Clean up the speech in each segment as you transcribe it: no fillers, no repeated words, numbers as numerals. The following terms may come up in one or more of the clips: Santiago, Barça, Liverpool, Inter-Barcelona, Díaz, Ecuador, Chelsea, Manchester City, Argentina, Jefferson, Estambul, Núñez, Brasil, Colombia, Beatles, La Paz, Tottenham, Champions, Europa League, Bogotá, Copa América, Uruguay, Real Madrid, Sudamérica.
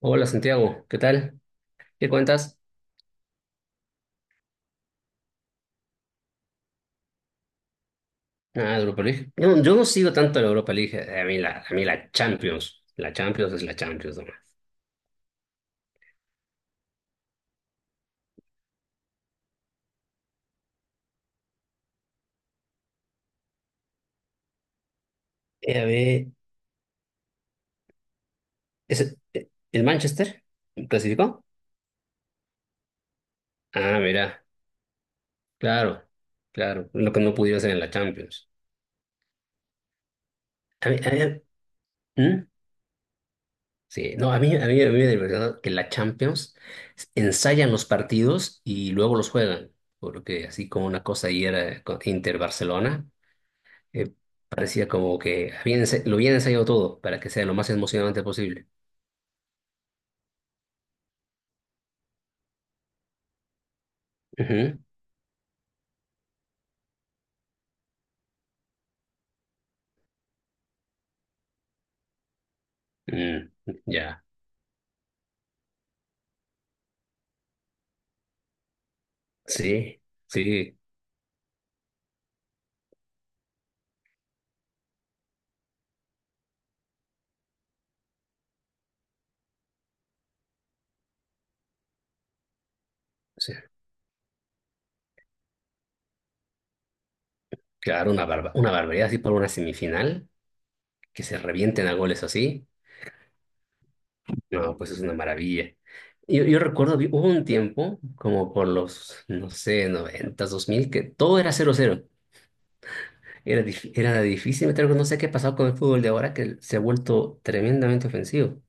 Hola Santiago, ¿qué tal? ¿Qué cuentas? Nada, Europa League. No, yo no sigo tanto la Europa League. A mí la Champions. La Champions es la Champions nomás. A ver, ¿el Manchester clasificó? Ah, mira, claro, claro. Lo que no pudieron hacer en la Champions. A mí, a mí- ¿Mm? Sí, no, a mí me divertido que la Champions ensayan los partidos y luego los juegan. Porque así como una cosa ahí era con Inter-Barcelona. eh, Parecía como que lo había ensayado todo para que sea lo más emocionante posible. Ujú. Mm, ya, sí, sí, sí. Claro, una barbaridad así por una semifinal, que se revienten a goles así, no, pues es una maravilla. Yo recuerdo, hubo un tiempo, como por los, no sé, noventas dos mil, que todo era cero cero. Era difícil meter gol. No sé qué ha pasado con el fútbol de ahora, que se ha vuelto tremendamente ofensivo.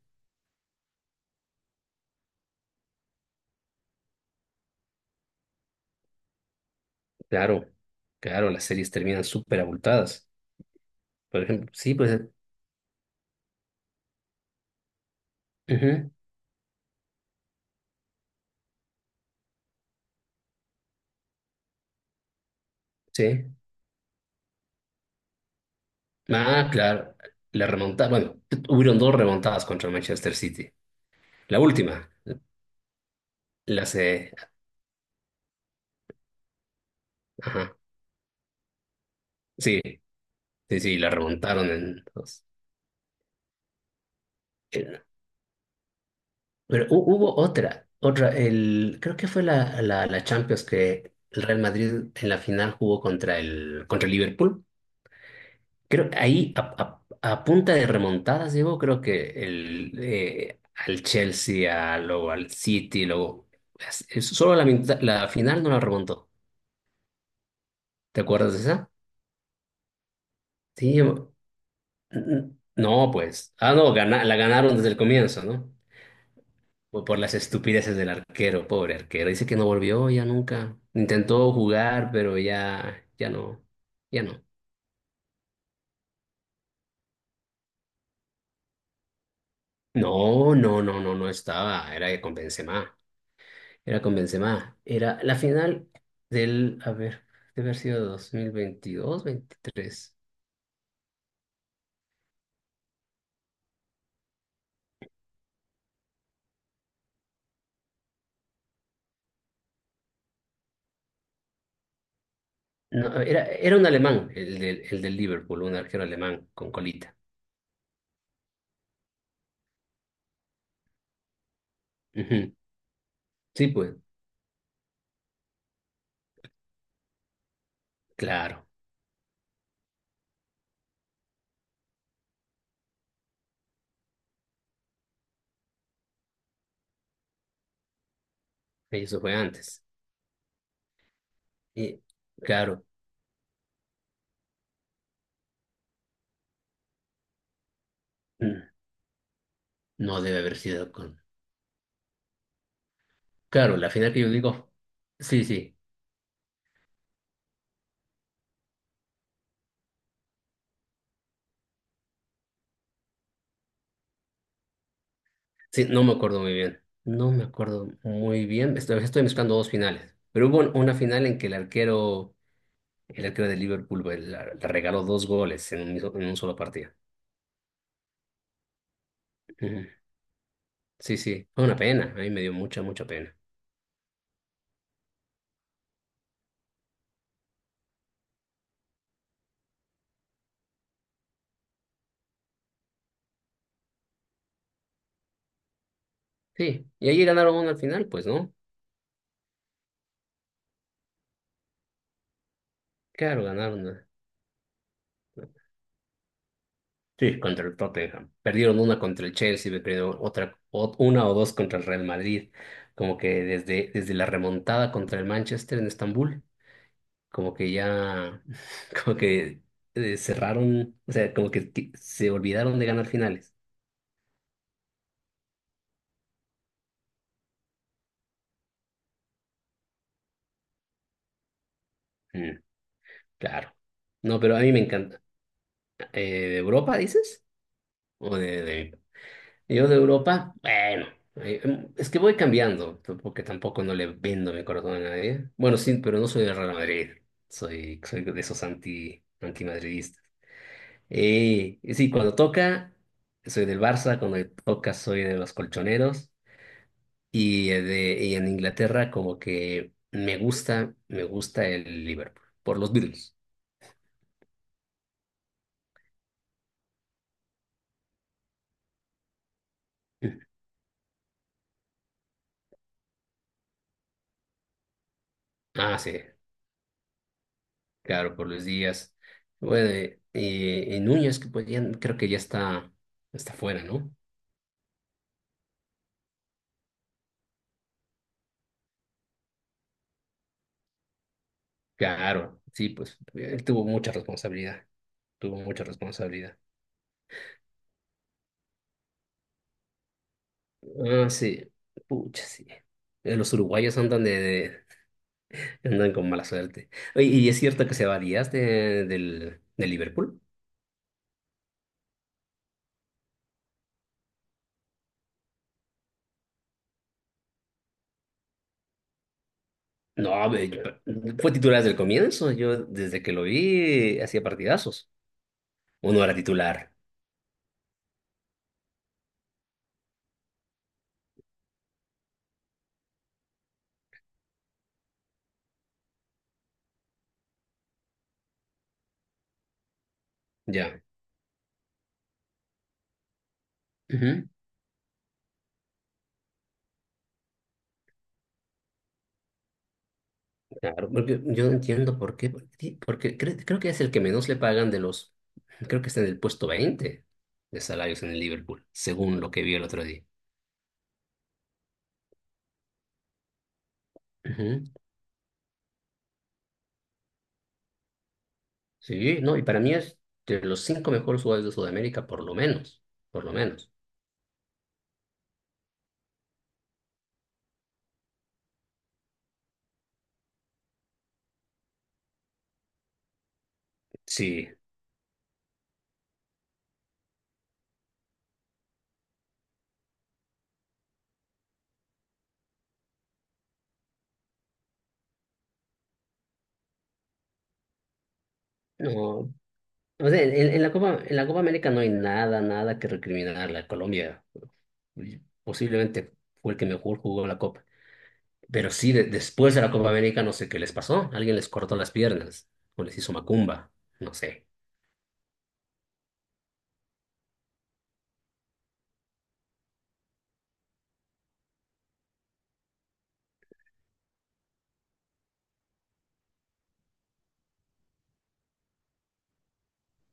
Claro, claro, las series terminan súper abultadas. Por ejemplo, sí, pues, ujú, sí. Ah, claro, la remontada, bueno, hubieron dos remontadas contra Manchester City. La última, la se, ajá, sí, sí, sí, la remontaron en dos. En- Pero hubo otra, el, creo que fue la Champions que el Real Madrid en la final jugó contra contra el Liverpool. Creo que ahí a punta de remontadas llegó, creo que el, al Chelsea, luego al City, luego solo la final no la remontó. ¿Te acuerdas de esa? Sí, yo- n- no, pues. Ah, no, la ganaron desde el comienzo, ¿no? Por las estupideces del arquero, pobre arquero. Dice que no volvió ya nunca. Intentó jugar, pero ya, ya no, ya no. No, no, no, no, no estaba, era con Benzema. Era con Benzema. Era la final del, a ver, debe haber sido 2022, 23. No, era, era un alemán, el del Liverpool, un arquero alemán con colita. Ujú. Sí, pues, claro, eso fue antes. Y claro, mm, no debe haber sido con... Claro, la final que yo digo, sí, sí, sí, no me acuerdo muy bien. No me acuerdo muy bien, estoy, estoy mezclando dos finales. Pero una final en que el arquero. El arquero de Liverpool güey, le regaló dos goles en en un solo partido. Ujú. Sí, sí, fue una pena. A mí me dio mucha, mucha pena. Sí, y allí ganaron una al final, pues, ¿no? Claro, ganaron una. Sí, contra el Tottenham. Perdieron una contra el Chelsea, me perdieron una o dos contra el Real Madrid. Como que desde la remontada contra el Manchester en Estambul, como que ya, como que cerraron, o sea, como que se olvidaron de ganar finales. Mm, claro. No, pero a mí me encanta. ¿De Europa, dices? ¿O de, de- Yo de Europa, bueno, es que voy cambiando, porque tampoco no le vendo mi corazón a nadie. Bueno, sí, pero no soy del Real Madrid, soy de esos antimadridistas. Y sí, cuando toca, soy del Barça, cuando toca, soy de los colchoneros. Y, y en Inglaterra, como que me gusta el Liverpool, por los Beatles. Ah, sí. Claro, por los días. Bueno, Núñez, que podían, creo que ya está, está fuera, ¿no? Claro, sí, pues él tuvo mucha responsabilidad, tuvo mucha responsabilidad. Ah, sí, pucha, sí. Los uruguayos andan con mala suerte. Oye, ¿y es cierto que se va Díaz de Liverpool? No, a ver, yo- Fue titular desde el comienzo, yo desde que lo vi hacía partidazos. Uno era titular, ya. Claro, porque yo no entiendo por qué, porque creo que es el que menos le pagan de los, creo que está en el puesto 20 de salarios en el Liverpool, según lo que vi el otro día. Ujú. Sí, no, y para mí es de los 5 mejores jugadores de Sudamérica, por lo menos, por lo menos. Sí, no, o sea, en en la Copa América no hay nada que recriminarle a Colombia. Posiblemente fue el que mejor jugó la Copa. Pero sí, después de la Copa América no sé qué les pasó. Alguien les cortó las piernas o les hizo macumba. No sé.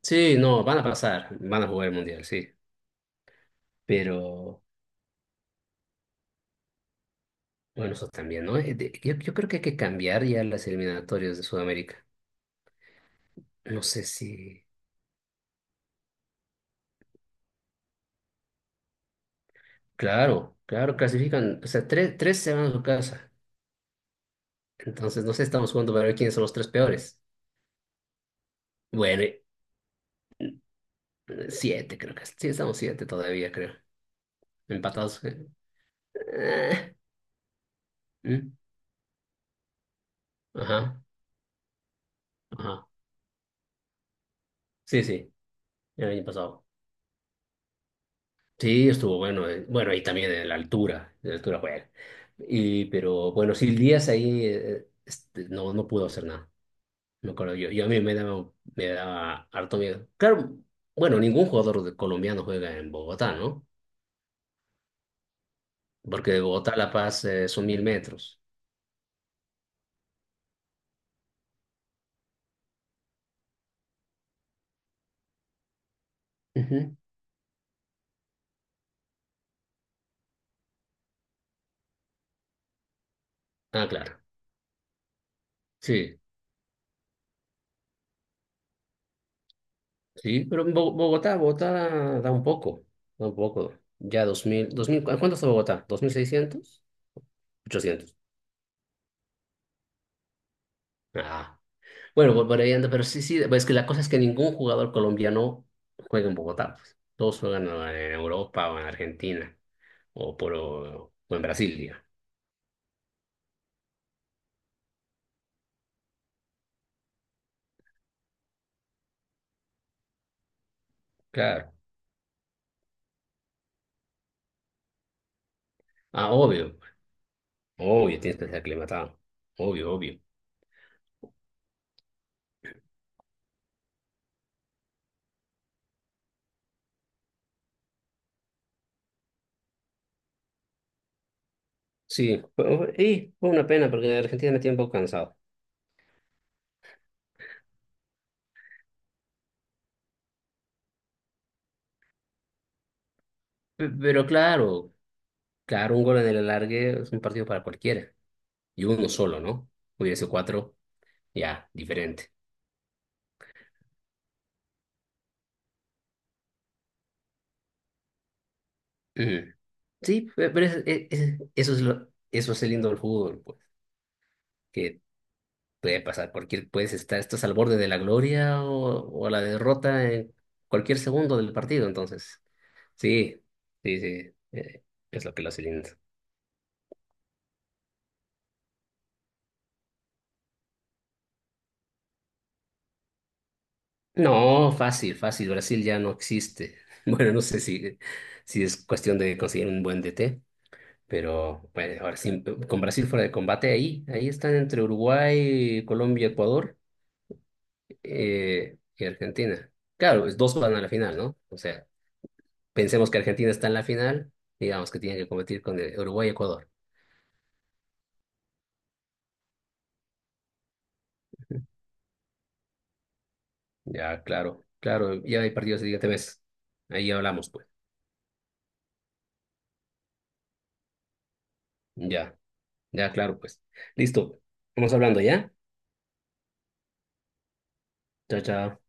Sí, no, van a pasar, van a jugar el Mundial, sí. Pero bueno, eso también, ¿no? Yo creo que hay que cambiar ya las eliminatorias de Sudamérica. No sé si... Claro, claro, clasifican. O sea, tres, tres se van a su casa. Entonces, no sé, estamos jugando para ver quiénes son los tres peores. Bueno, siete creo que. Sí, estamos siete todavía, creo. Empatados. Eh, ¿Mm? Ajá, ajá. Sí, sí. El año pasado. Sí, estuvo bueno. Bueno, y también en la altura juega. Y, pero bueno, sí, el Díaz ahí no, no pudo hacer nada. Me acuerdo yo. Yo a mí me daba harto miedo. Claro, bueno, colombiano juega en Bogotá, ¿no? Porque de Bogotá a La Paz son 1000 metros. Ujú. Ah, claro. Sí, sí, pero Bogotá, Bogotá da un poco, da un poco. Ya dos mil, ¿cuánto está Bogotá? ¿2600? Ochocientos. Ah. Bueno, volviendo, pero sí, sí, pues que la cosa es que ningún jugador colombiano juega en Bogotá, pues. Todos juegan en Europa o en Argentina o, o en Brasil, diga. Claro. Ah, obvio, obvio, tienes que ser aclimatado. Obvio, obvio. Sí, y fue una pena porque Argentina me tiene un poco cansado. Pero claro, claro, un gol en el alargue es un partido para cualquiera. Y uno solo, ¿no? Hubiese cuatro, ya, diferente. Ujú. Sí, eso es lo, eso es el lindo del fútbol, pues. Que puede pasar cualquier, estás al borde de la gloria o la derrota en cualquier segundo del partido, entonces. Sí, sí, sí, es lo que lo hace lindo. No, fácil, fácil, Brasil ya no existe. Bueno, no sé si, si es cuestión de conseguir un buen DT, pero bueno, ahora sí, con Brasil fuera de combate, ahí, ahí están entre Uruguay, Colombia, Ecuador y Argentina. Claro, pues, dos van a la final, ¿no? O sea, pensemos que Argentina está en la final, digamos que tiene que competir con Uruguay y Ecuador. Ya, claro, claro, ya hay partidos el siguiente mes. Ahí hablamos, pues. Ya, ya, claro, pues. Listo, vamos hablando, ¿ya? Chao, chao.